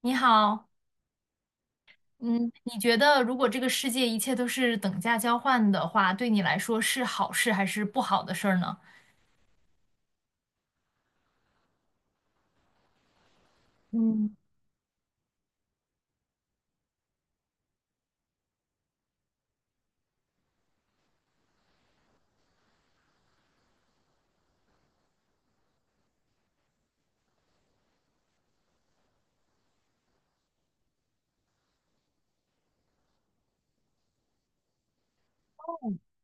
你好，嗯，你觉得如果这个世界一切都是等价交换的话，对你来说是好事还是不好的事儿呢？嗯，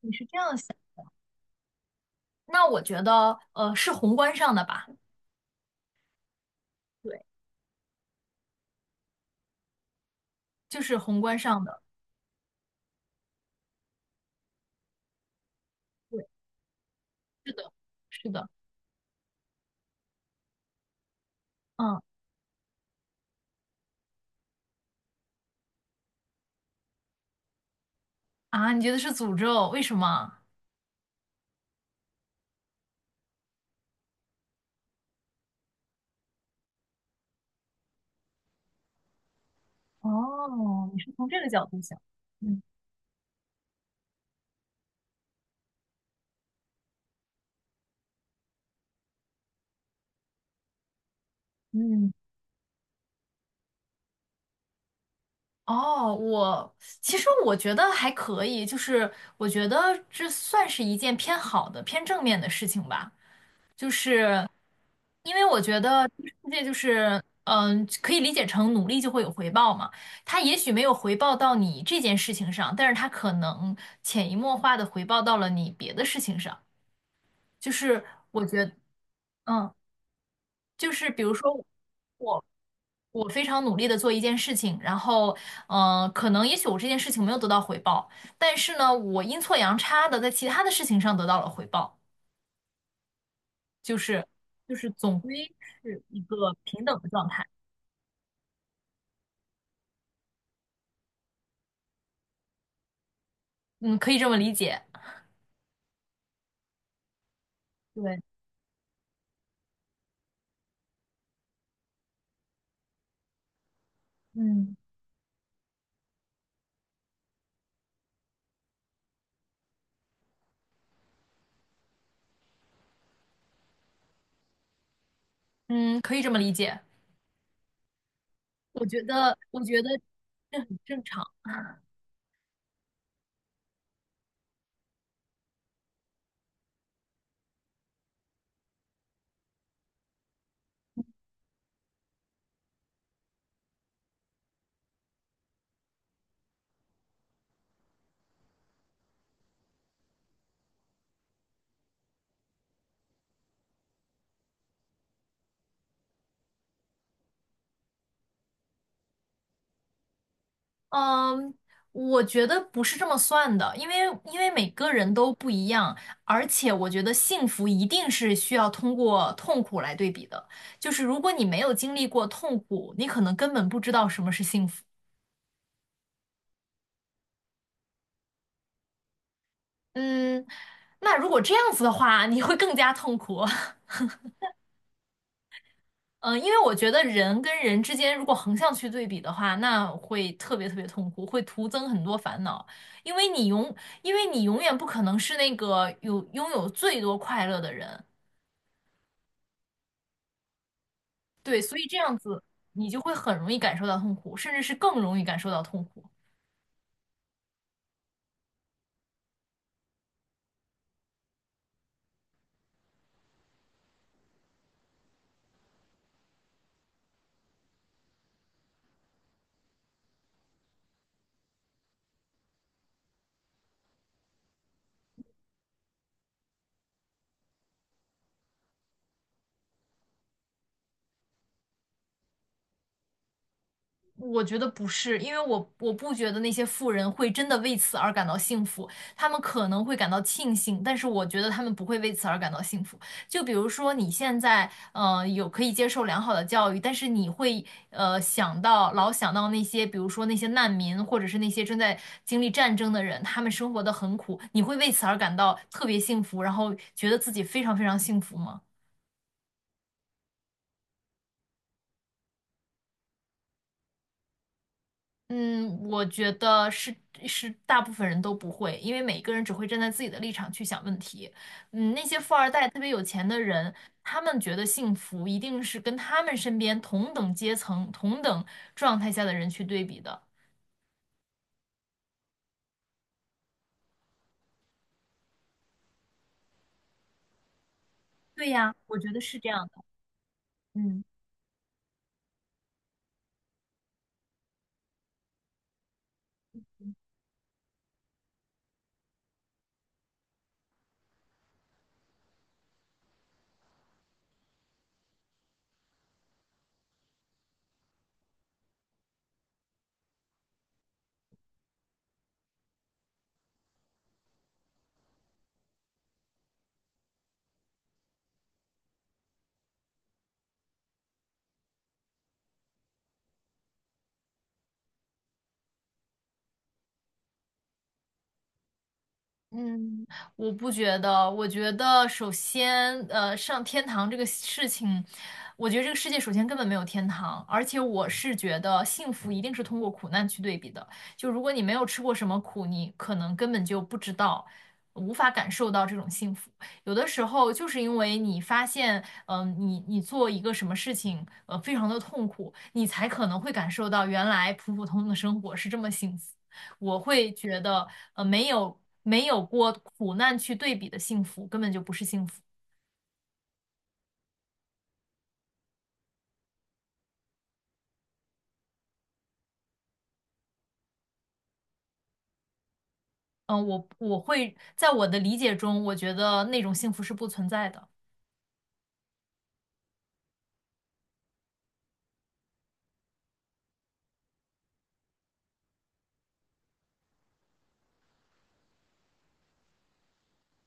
你是这样想，那我觉得，是宏观上的吧，对，就是宏观上的。对，是的，是的，嗯，啊，你觉得是诅咒？为什么？哦，你是从这个角度想，嗯，嗯，哦，我其实我觉得还可以，就是我觉得这算是一件偏好的、偏正面的事情吧。就是因为我觉得这个世界就是，嗯，可以理解成努力就会有回报嘛。它也许没有回报到你这件事情上，但是它可能潜移默化的回报到了你别的事情上。就是我觉得，嗯，就是比如说我。我非常努力的做一件事情，然后，可能也许我这件事情没有得到回报，但是呢，我阴错阳差的在其他的事情上得到了回报，就是总归是一个平等的状态，嗯，可以这么理解，对，嗯，嗯，可以这么理解，我觉得这很正常，嗯，我觉得不是这么算的，因为每个人都不一样，而且我觉得幸福一定是需要通过痛苦来对比的，就是如果你没有经历过痛苦，你可能根本不知道什么是幸福，嗯。那如果这样子的话，你会更加痛苦。嗯，因为我觉得人跟人之间如果横向去对比的话，那会特别特别痛苦，会徒增很多烦恼。因为你永，因为你永远不可能是那个有拥有最多快乐的人，对，所以这样子你就会很容易感受到痛苦，甚至是更容易感受到痛苦。我觉得不是，因为我不觉得那些富人会真的为此而感到幸福，他们可能会感到庆幸，但是我觉得他们不会为此而感到幸福。就比如说你现在，有可以接受良好的教育，但是你会，呃，想到老想到那些，比如说那些难民，或者是那些正在经历战争的人，他们生活的很苦，你会为此而感到特别幸福，然后觉得自己非常非常幸福吗？嗯，我觉得是大部分人都不会，因为每一个人只会站在自己的立场去想问题。嗯，那些富二代特别有钱的人，他们觉得幸福一定是跟他们身边同等阶层、同等状态下的人去对比的。对呀，我觉得是这样的。嗯。嗯，我不觉得，我觉得首先，呃，上天堂这个事情，我觉得这个世界首先根本没有天堂，而且我是觉得幸福一定是通过苦难去对比的。就如果你没有吃过什么苦，你可能根本就不知道，无法感受到这种幸福。有的时候就是因为你发现，你做一个什么事情，呃，非常的痛苦，你才可能会感受到原来普普通通的生活是这么幸福。我会觉得，呃，没有过苦难去对比的幸福，根本就不是幸福。嗯、我会在我的理解中，我觉得那种幸福是不存在的。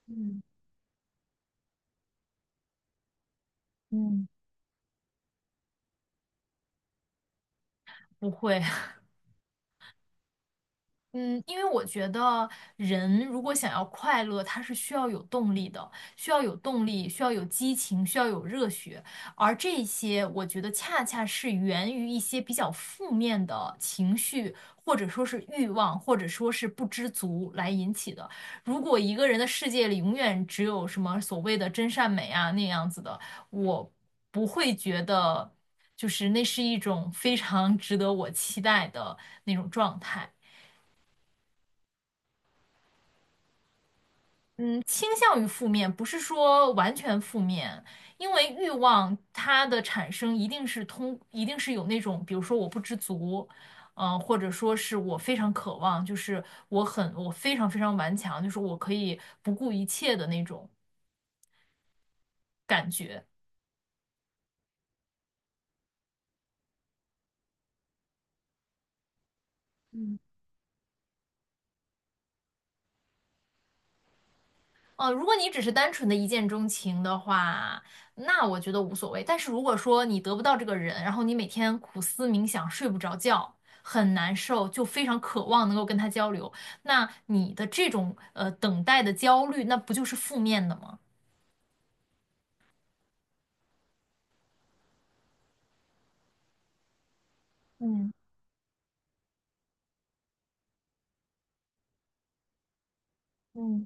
嗯，嗯，不会，嗯，因为我觉得人如果想要快乐，他是需要有动力的，需要有动力，需要有激情，需要有热血。而这些，我觉得恰恰是源于一些比较负面的情绪，或者说是欲望，或者说是不知足来引起的。如果一个人的世界里永远只有什么所谓的真善美啊那样子的，我不会觉得就是那是一种非常 值得我期待的那种状态。嗯，倾向于负面，不是说完全负面，因为欲望它的产生一定是有那种，比如说我不知足，或者说是我非常渴望，就是我非常非常顽强，就是我可以不顾一切的那种。呃，如果你只是单纯的一见钟情的话，那我觉得无所谓。但是如果说你得不到这个人，然后你每天苦思冥想，睡不着觉，很难受，就非常渴望能够跟他交流，那你的这种等待的焦虑，那不就是负面的吗？嗯，嗯，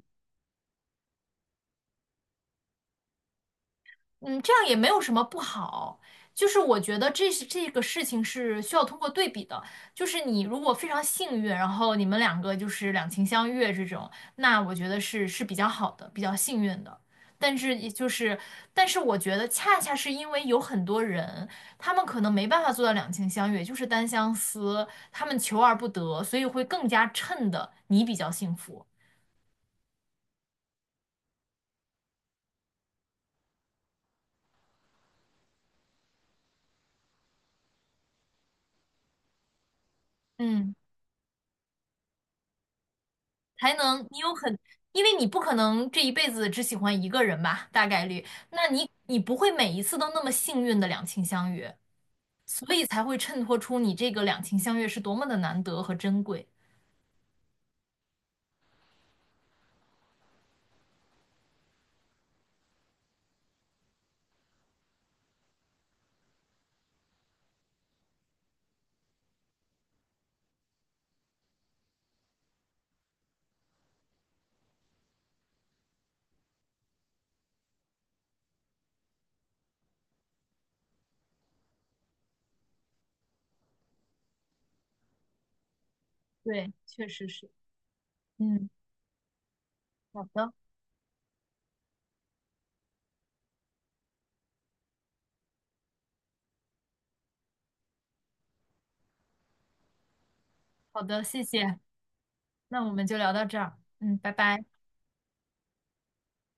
嗯，这样也没有什么不好，就是我觉得这个事情是需要通过对比的，就是你如果非常幸运，然后你们两个就是两情相悦这种，那我觉得是比较好的，比较幸运的。但是也就是，但是我觉得恰恰是因为有很多人，他们可能没办法做到两情相悦，就是单相思，他们求而不得，所以会更加衬的你比较幸福。嗯。才能你有很，因为你不可能这一辈子只喜欢一个人吧，大概率，那你不会每一次都那么幸运的两情相悦，所以才会衬托出你这个两情相悦是多么的难得和珍贵。对，确实是。嗯，好的，好的，谢谢。那我们就聊到这儿。嗯，拜拜。